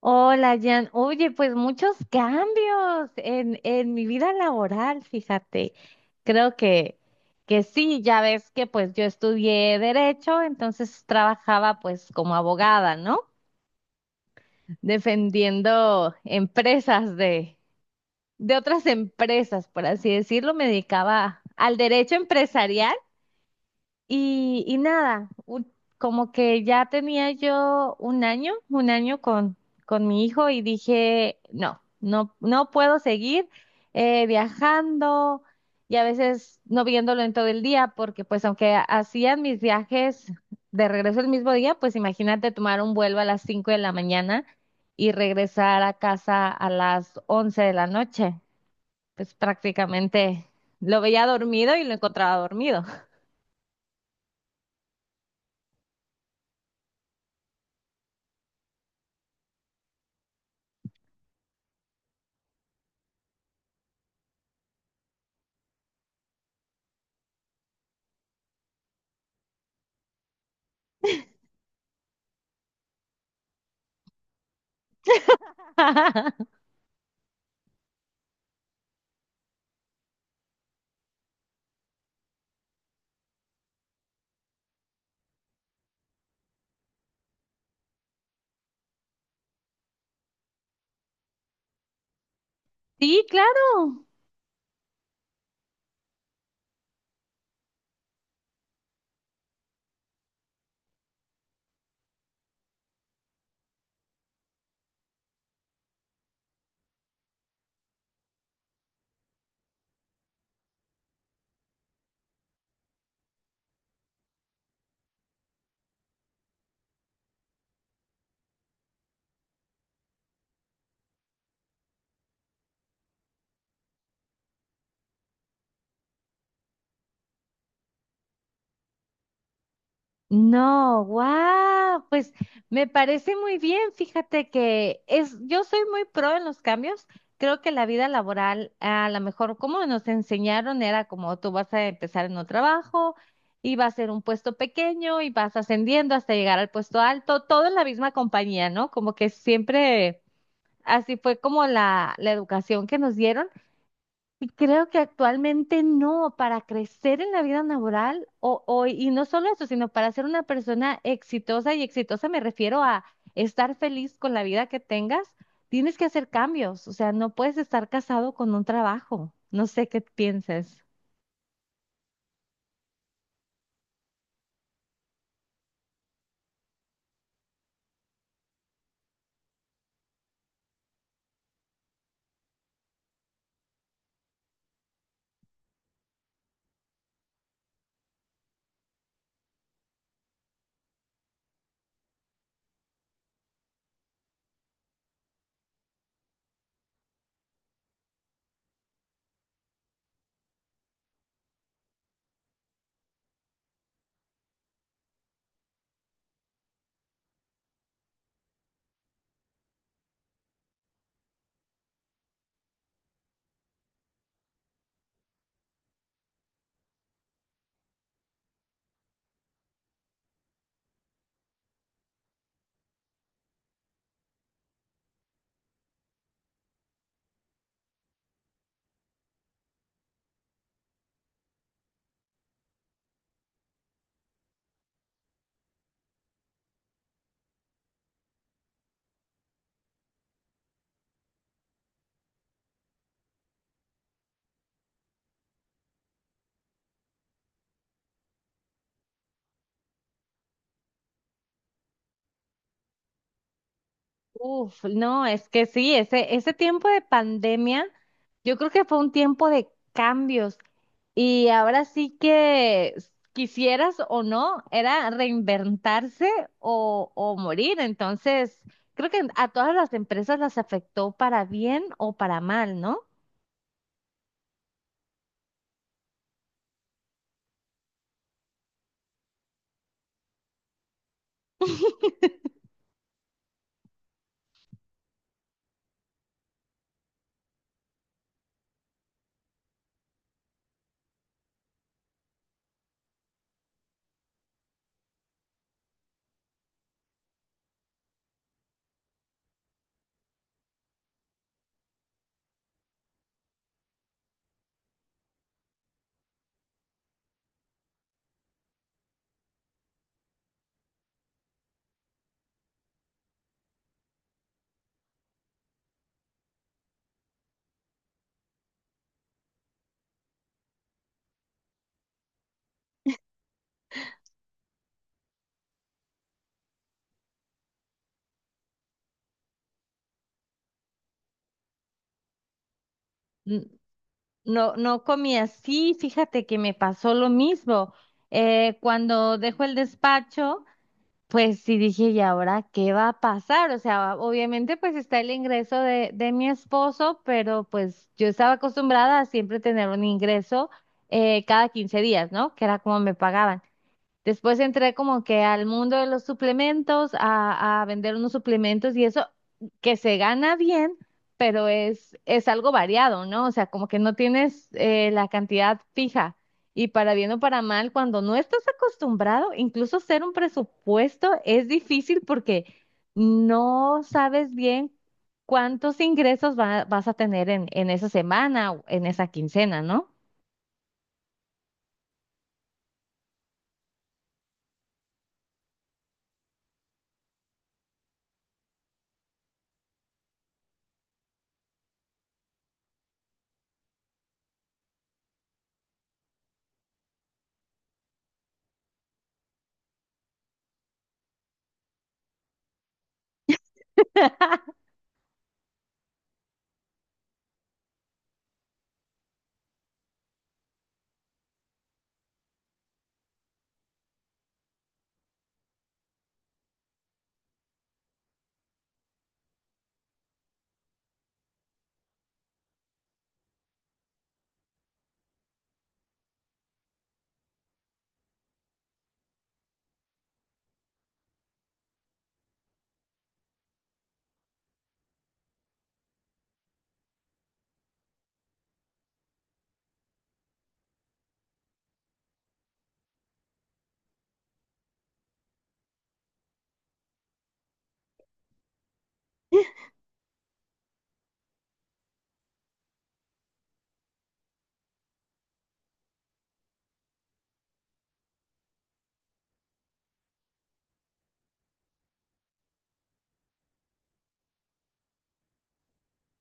Hola, Jan. Oye, pues muchos cambios en mi vida laboral, fíjate. Creo que, que sí, ya ves que pues yo estudié derecho, entonces trabajaba pues como abogada, ¿no? Defendiendo empresas de otras empresas, por así decirlo. Me dedicaba al derecho empresarial y nada, como que ya tenía yo un año con mi hijo y dije, no, no, no puedo seguir viajando y a veces no viéndolo en todo el día, porque pues aunque hacían mis viajes de regreso el mismo día, pues imagínate tomar un vuelo a las 5 de la mañana y regresar a casa a las 11 de la noche. Pues prácticamente lo veía dormido y lo encontraba dormido. Sí, claro. No, wow, pues me parece muy bien. Fíjate que es, yo soy muy pro en los cambios. Creo que la vida laboral, a lo mejor como nos enseñaron, era como tú vas a empezar en un trabajo y va a ser un puesto pequeño y vas ascendiendo hasta llegar al puesto alto, todo en la misma compañía, ¿no? Como que siempre así fue como la educación que nos dieron. Y creo que actualmente no, para crecer en la vida laboral, y no solo eso, sino para ser una persona exitosa, y exitosa me refiero a estar feliz con la vida que tengas, tienes que hacer cambios, o sea, no puedes estar casado con un trabajo. No sé qué pienses. Uf, no, es que sí, ese tiempo de pandemia, yo creo que fue un tiempo de cambios. Y ahora sí que quisieras o no, era reinventarse o morir. Entonces, creo que a todas las empresas las afectó para bien o para mal, ¿no? N- No, no comía así. Fíjate que me pasó lo mismo. Cuando dejo el despacho. Pues sí dije, ¿y ahora qué va a pasar? O sea, obviamente pues está el ingreso de mi esposo, pero pues yo estaba acostumbrada a siempre tener un ingreso cada 15 días, ¿no? Que era como me pagaban. Después entré como que al mundo de los suplementos, a vender unos suplementos y eso que se gana bien, pero es algo variado, ¿no? O sea, como que no tienes la cantidad fija. Y para bien o para mal, cuando no estás acostumbrado, incluso hacer un presupuesto es difícil porque no sabes bien cuántos ingresos vas a tener en esa semana o en esa quincena, ¿no?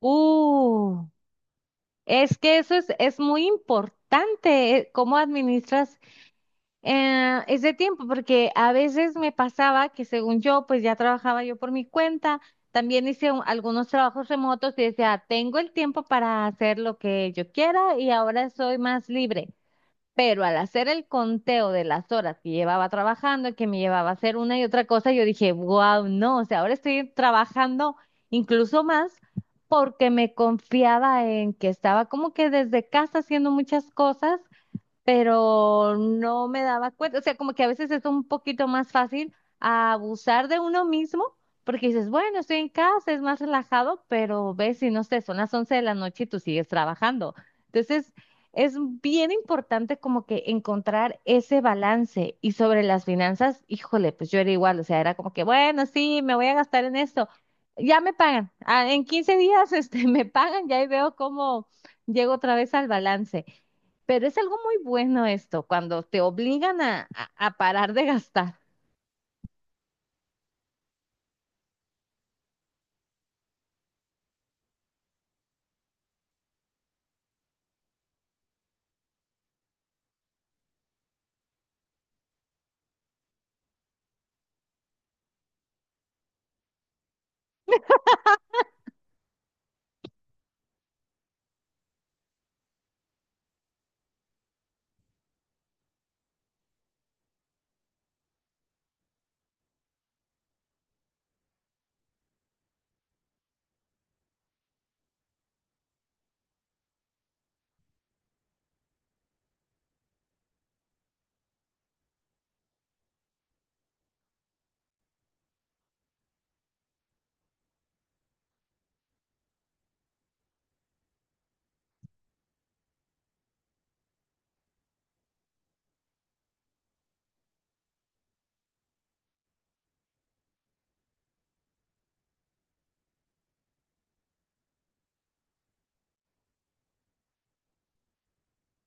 Uh. Es que eso es muy importante, cómo administras ese tiempo, porque a veces me pasaba que según yo, pues ya trabajaba yo por mi cuenta, también hice algunos trabajos remotos y decía, tengo el tiempo para hacer lo que yo quiera y ahora soy más libre. Pero al hacer el conteo de las horas que llevaba trabajando, y que me llevaba a hacer una y otra cosa, yo dije, wow, no, o sea, ahora estoy trabajando incluso más porque me confiaba en que estaba como que desde casa haciendo muchas cosas pero no me daba cuenta, o sea, como que a veces es un poquito más fácil abusar de uno mismo, porque dices, bueno, estoy en casa, es más relajado, pero ves si no sé, son las 11 de la noche y tú sigues trabajando. Entonces, es bien importante como que encontrar ese balance. Y sobre las finanzas, híjole, pues yo era igual, o sea, era como que, bueno, sí, me voy a gastar en esto. Ya me pagan. Ah, en 15 días, este, me pagan, ya ahí veo cómo llego otra vez al balance. Pero es algo muy bueno esto, cuando te obligan a parar de gastar.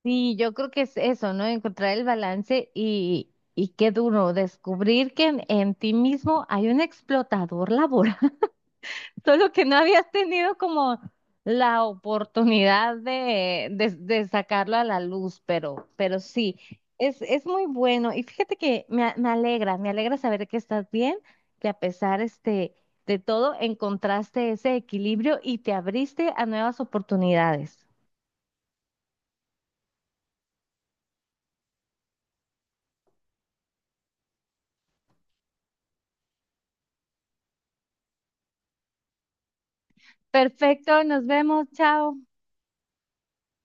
Sí, yo creo que es eso, ¿no? Encontrar el balance y qué duro, descubrir que en ti mismo hay un explotador laboral. Solo que no habías tenido como la oportunidad de sacarlo a la luz, pero sí, es muy bueno. Y fíjate que me, me alegra saber que estás bien, que a pesar este, de todo encontraste ese equilibrio y te abriste a nuevas oportunidades. Perfecto, nos vemos, chao.